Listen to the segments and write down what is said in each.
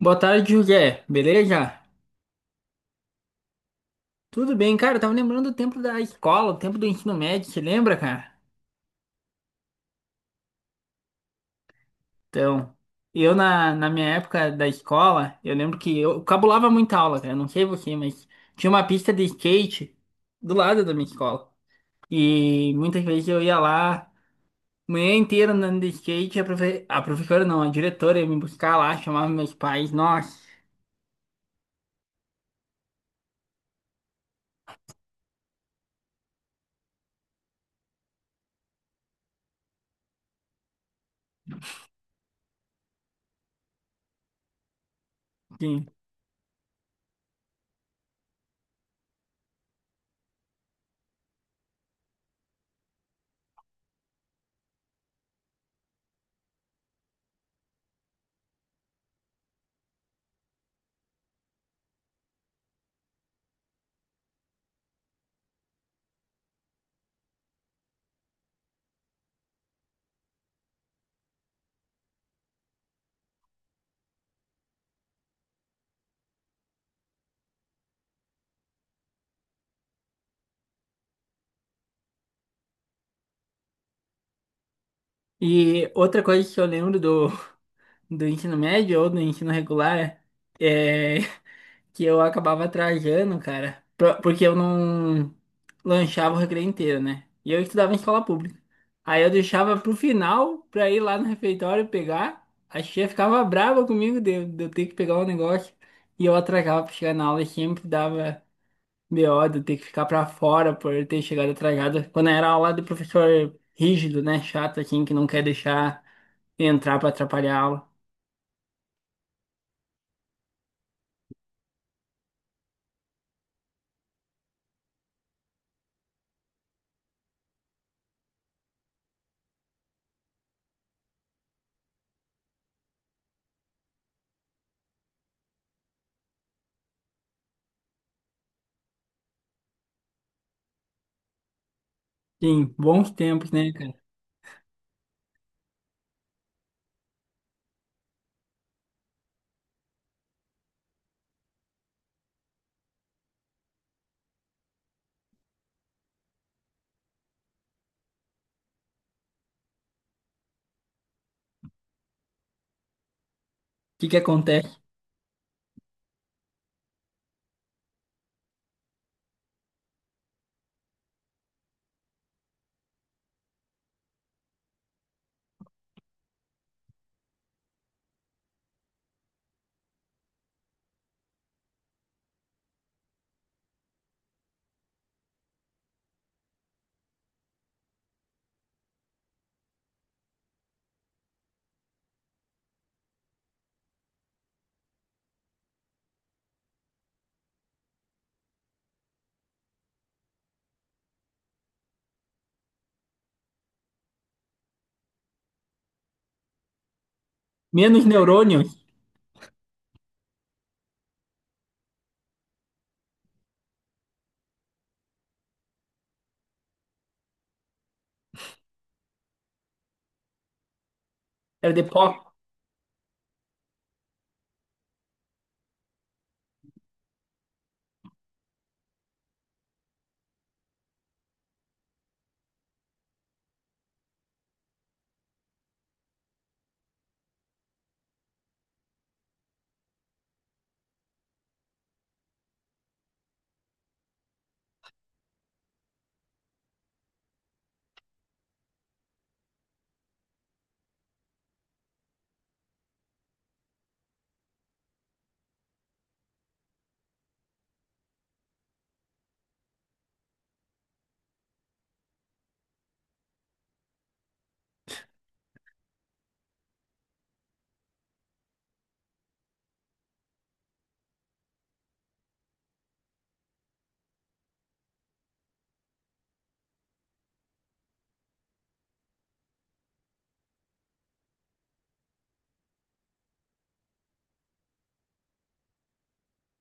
Boa tarde, José. Beleza? Tudo bem, cara. Eu tava lembrando do tempo da escola, o tempo do ensino médio, você lembra, cara? Então, eu na minha época da escola, eu lembro que eu cabulava muita aula, cara. Não sei você, mas tinha uma pista de skate do lado da minha escola. E muitas vezes eu ia lá, manhã inteira andando de skate, a professora não, a diretora ia me buscar lá, chamava meus pais, nossa. Sim. E outra coisa que eu lembro do ensino médio ou do ensino regular é. que eu acabava atrasando, cara, porque eu não lanchava o recreio inteiro, né? E eu estudava em escola pública. Aí eu deixava pro final pra ir lá no refeitório pegar. A tia ficava brava comigo de eu ter que pegar o negócio. E eu atrasava pra chegar na aula e sempre dava BO de eu ter que ficar pra fora por eu ter chegado atrasado. Quando era aula do professor rígido, né? Chato, assim, que não quer deixar entrar pra atrapalhar a aula. Sim, bons tempos, né, cara? O que que acontece? Menos neurônios. Era de pó.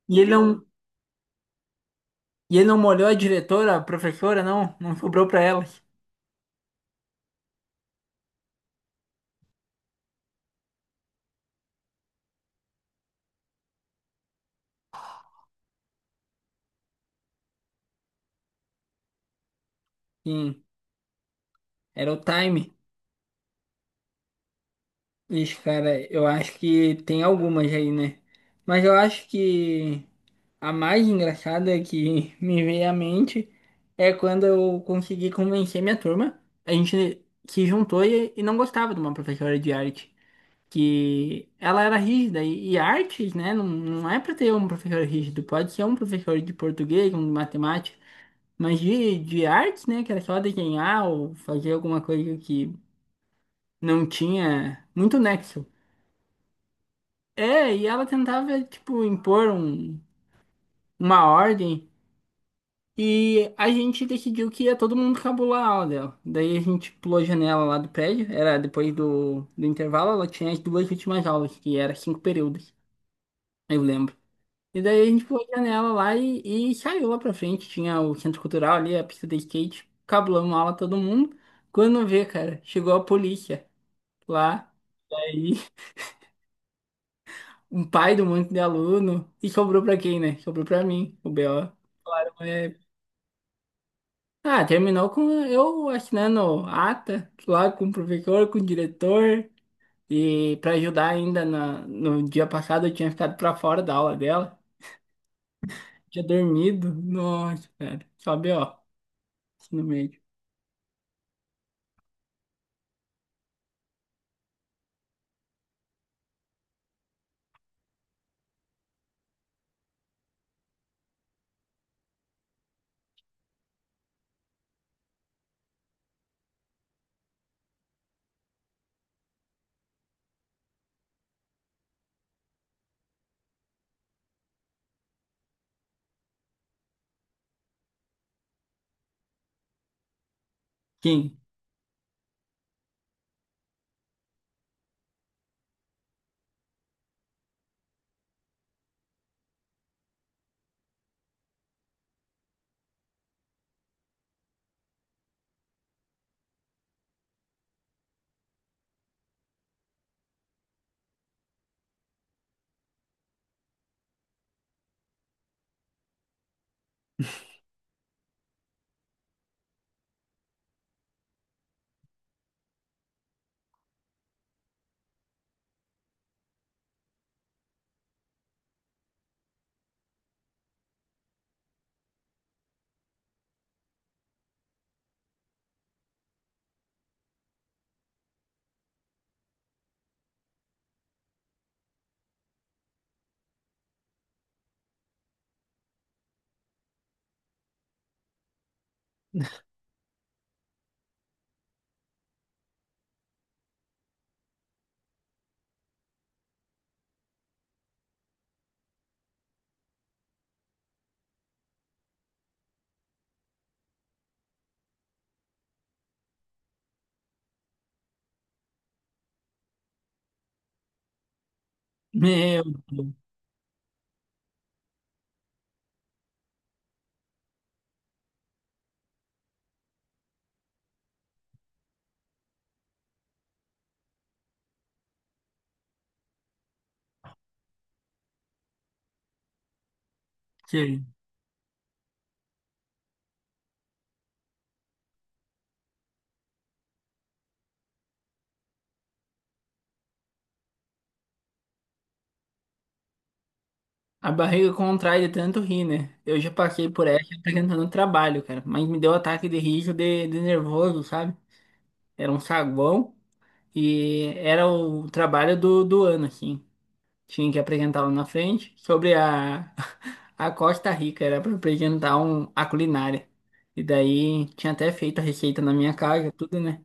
E ele não, e ele não molhou a diretora, a professora, não. Não sobrou pra ela. Sim, era o time. Ixi, cara, eu acho que tem algumas aí, né? Mas eu acho que a mais engraçada que me veio à mente é quando eu consegui convencer minha turma. A gente se juntou e não gostava de uma professora de arte. Que ela era rígida. E artes, né? Não, não é pra ter um professor rígido. Pode ser um professor de português, um de matemática. Mas de artes, né? Que era só desenhar ou fazer alguma coisa que não tinha muito nexo. É, e ela tentava, tipo, impor uma ordem. E a gente decidiu que ia todo mundo cabular a aula dela. Daí a gente pulou a janela lá do prédio. Era depois do intervalo, ela tinha as duas últimas aulas, que era cinco períodos, eu lembro. E daí a gente pulou a janela lá e saiu lá pra frente. Tinha o centro cultural ali, a pista de skate. Cabulamos aula todo mundo. Quando vê, cara, chegou a polícia lá. Aí, um pai do monte de aluno. E sobrou pra quem, né? Sobrou pra mim, o BO. É, ah, terminou com eu assinando ata lá com o professor, com o diretor. E pra ajudar ainda no dia passado eu tinha ficado pra fora da aula dela. Tinha dormido. Nossa, cara. Só BO, assim, no meio. Quem? Meu Deus. Sei. A barriga contrai de tanto rir, né? Eu já passei por essa apresentando trabalho, cara. Mas me deu ataque de riso de nervoso, sabe? Era um saguão e era o trabalho do ano, assim. Tinha que apresentar lá na frente sobre a, a Costa Rica. Era para apresentar a culinária. E daí tinha até feito a receita na minha casa, tudo, né?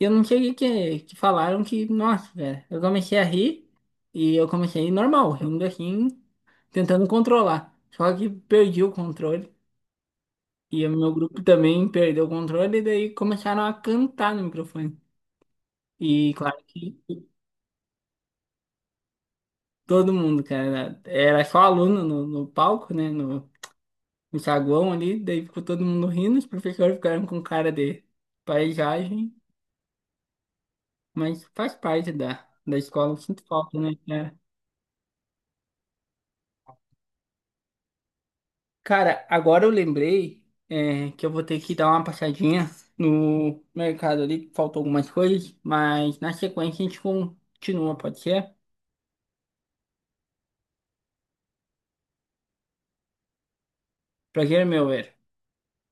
E eu não sei o que, que falaram que, nossa, velho, eu comecei a rir e eu comecei normal, rindo assim, tentando controlar. Só que perdi o controle e o meu grupo também perdeu o controle e daí começaram a cantar no microfone. E claro que todo mundo, cara, era só aluno no palco, né, no saguão ali, daí ficou todo mundo rindo, os professores ficaram com cara de paisagem, mas faz parte da escola, eu sinto falta, né? Cara, agora eu lembrei, é, que eu vou ter que dar uma passadinha no mercado ali, que faltou algumas coisas, mas na sequência a gente continua, pode ser? Prazer, é meu, velho.